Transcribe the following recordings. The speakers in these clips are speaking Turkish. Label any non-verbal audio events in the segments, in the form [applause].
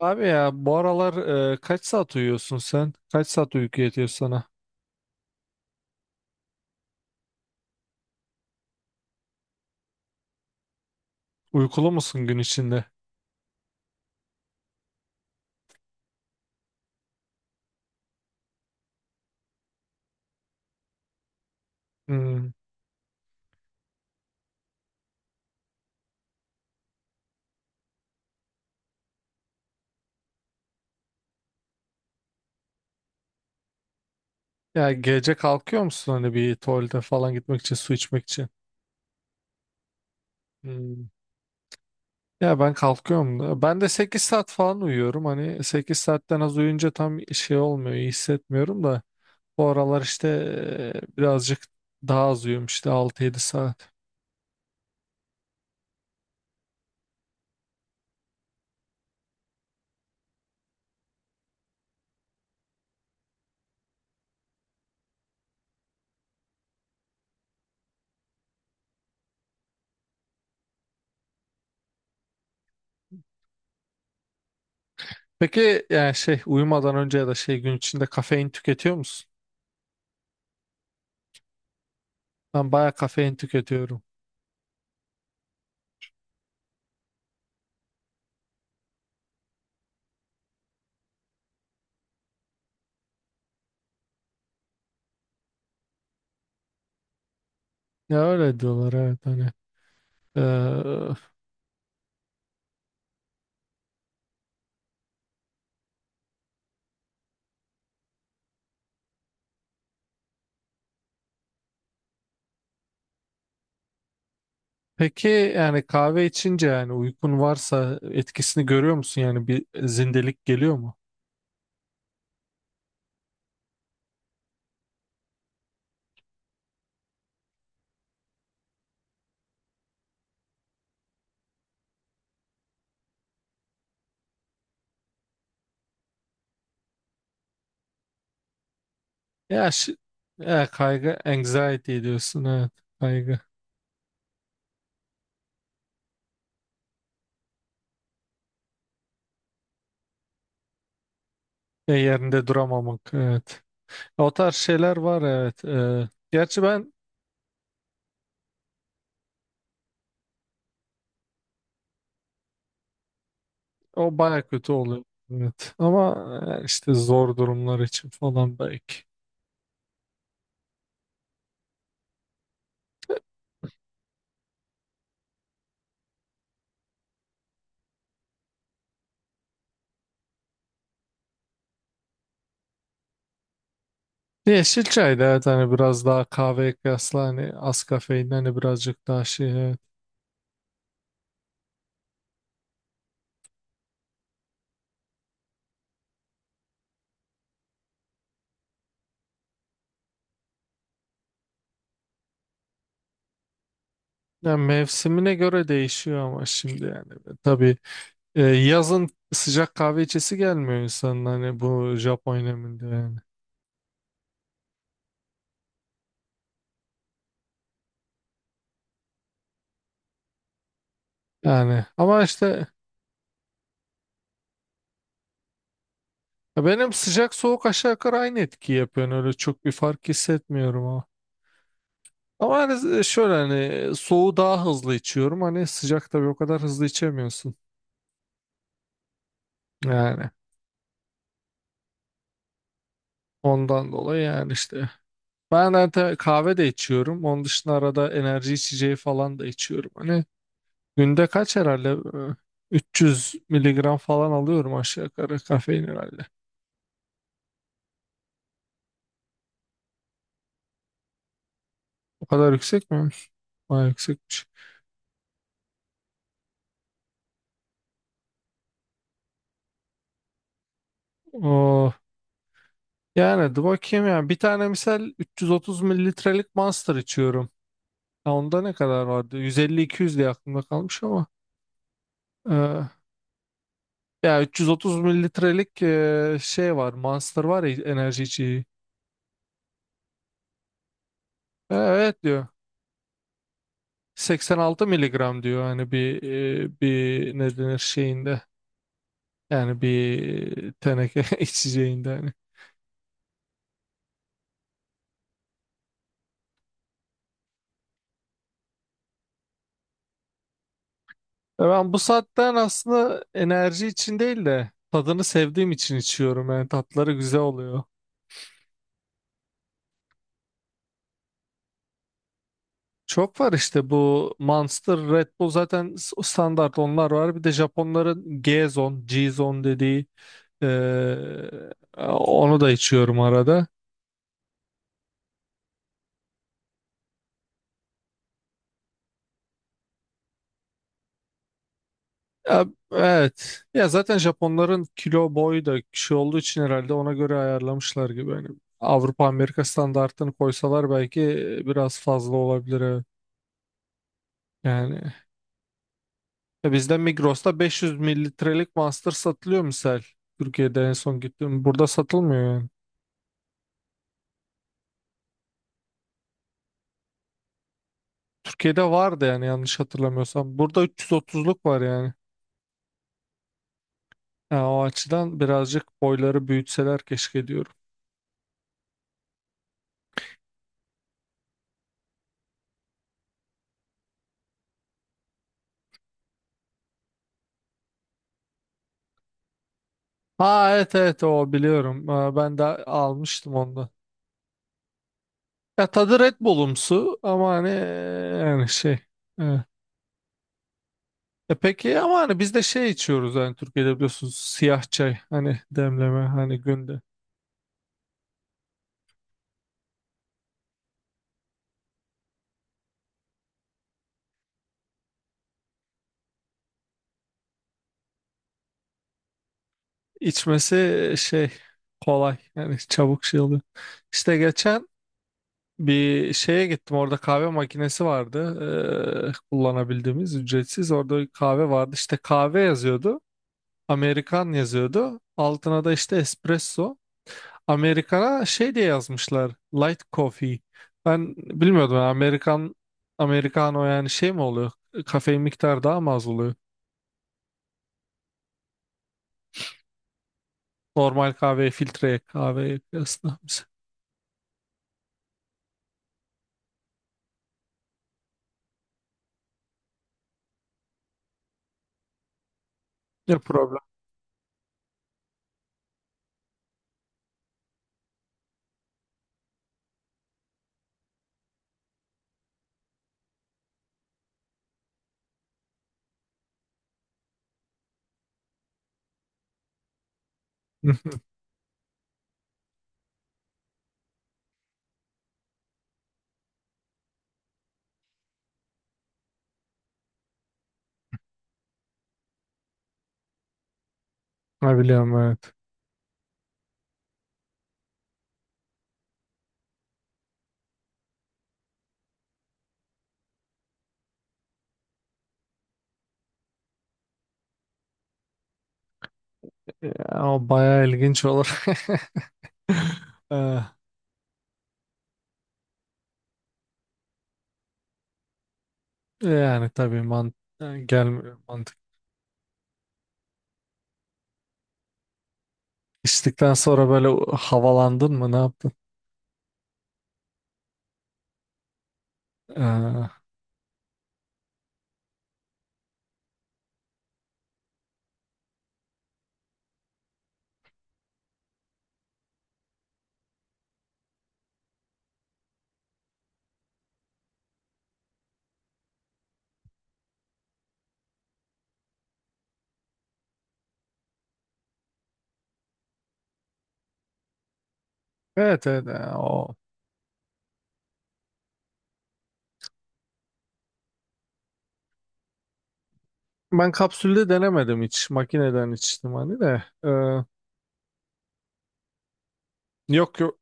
Abi ya bu aralar kaç saat uyuyorsun sen? Kaç saat uyku yetiyor sana? Uykulu musun gün içinde? Hmm. Ya gece kalkıyor musun hani bir tuvalete falan gitmek için, su içmek için? Hmm. Ya ben kalkıyorum. Ben de 8 saat falan uyuyorum. Hani 8 saatten az uyuyunca tam şey olmuyor, iyi hissetmiyorum da. Bu aralar işte birazcık daha az uyuyorum işte 6 yedi saat. Peki yani şey uyumadan önce ya da şey gün içinde kafein tüketiyor musun? Ben bayağı kafein tüketiyorum. Ya öyle diyorlar, evet hani. Ee, peki yani kahve içince yani uykun varsa etkisini görüyor musun? Yani bir zindelik geliyor mu? Ya, şi- ya kaygı anxiety diyorsun, evet kaygı. E, yerinde duramamak, evet, o tarz şeyler var, evet. E, gerçi ben o baya kötü oluyor, evet, ama işte zor durumlar için falan belki. Yeşil çay da evet, hani biraz daha kahveye kıyasla hani az kafein hani birazcık daha şey, evet. Yani mevsimine göre değişiyor ama şimdi yani tabii, yazın sıcak kahve içesi gelmiyor insanın hani bu Japon neminde yani. Yani ama işte, ya benim sıcak soğuk aşağı yukarı aynı etki yapıyor. Yani öyle çok bir fark hissetmiyorum ama. Ama hani şöyle hani soğuğu daha hızlı içiyorum. Hani sıcak tabii o kadar hızlı içemiyorsun. Yani ondan dolayı yani işte. Ben zaten kahve de içiyorum. Onun dışında arada enerji içeceği falan da içiyorum. Hani günde kaç herhalde, e, 300 miligram falan alıyorum aşağı yukarı kafein herhalde. O kadar yüksek mi? Bayağı yüksekmiş. O Yani dur bakayım ya. Bir tane misal 330 mililitrelik Monster içiyorum. Ya onda ne kadar vardı? 150-200 diye aklımda kalmış ama. e, Ya 330 mililitrelik şey var. Monster var ya, enerji içeceği. E, evet diyor. 86 miligram diyor. Hani bir, bir ne denir şeyinde. Yani bir teneke [laughs] içeceğinde hani. Ben bu saatten aslında enerji için değil de tadını sevdiğim için içiyorum. Yani tatları güzel oluyor. Çok var işte bu Monster, Red Bull zaten standart onlar var. Bir de Japonların G-Zone, G-Zone dediği, eee, onu da içiyorum arada. Ya, evet. Ya zaten Japonların kilo boyu da kişi olduğu için herhalde ona göre ayarlamışlar gibi. Yani Avrupa Amerika standartını koysalar belki biraz fazla olabilir, evet. Yani ya bizde Migros'ta 500 mililitrelik Monster satılıyor misal. Türkiye'de en son gittim. Burada satılmıyor yani. Türkiye'de vardı yani yanlış hatırlamıyorsam. Burada 330'luk var yani. Yani o açıdan birazcık boyları büyütseler keşke diyorum. Ha evet evet o biliyorum. Ben de almıştım ondan. Ya tadı Red Bull'umsu ama hani yani şey, evet. E peki ama hani biz de şey içiyoruz yani Türkiye'de biliyorsunuz, siyah çay hani demleme hani günde. İçmesi şey kolay yani çabuk şey oluyor. İşte geçen bir şeye gittim, orada kahve makinesi vardı, kullanabildiğimiz ücretsiz, orada bir kahve vardı işte kahve yazıyordu, Amerikan yazıyordu altına, da işte espresso. Amerikana şey diye yazmışlar, light coffee. Ben bilmiyordum yani Amerikan Americano yani şey mi oluyor, kafein miktarı daha mı az oluyor normal kahveye filtre kahveye kıyasla. Ne problem. [laughs] Ne biliyorum, evet. Ya, o bayağı ilginç olur. [laughs] Eee, Yani tabii man, yani gelmiyor mantık. İçtikten sonra böyle havalandın mı ne yaptın? Ee, evet evet, o. Ben kapsülde denemedim hiç. Makineden içtim hani de. Yok yok.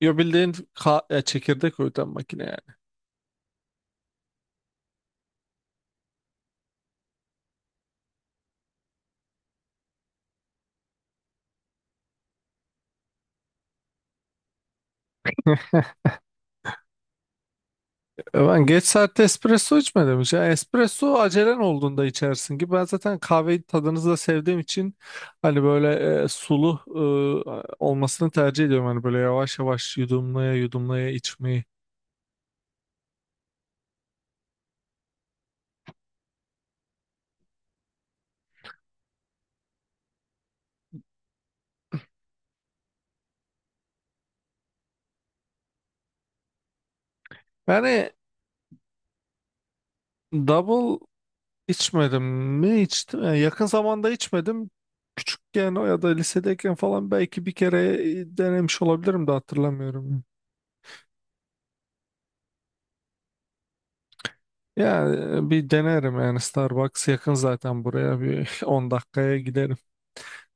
Yo bildiğin, çekirdek öğüten makine yani. E, ben geç saatte espresso içmedim hiç. Yani espresso acelen olduğunda içersin ki. Ben zaten kahveyi tadınızı da sevdiğim için hani böyle sulu olmasını tercih ediyorum. Hani böyle yavaş yavaş yudumlaya yudumlaya içmeyi. Yani double içmedim mi, içtim. Yani yakın zamanda içmedim. Küçükken o ya da lisedeyken falan belki bir kere denemiş olabilirim de hatırlamıyorum. Yani bir denerim yani, Starbucks yakın zaten, buraya bir [laughs] 10 dakikaya giderim.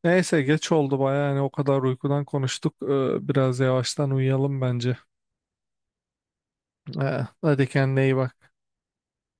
Neyse geç oldu bayağı yani, o kadar uykudan konuştuk. Biraz yavaştan uyuyalım bence. Hadi kendine iyi bak.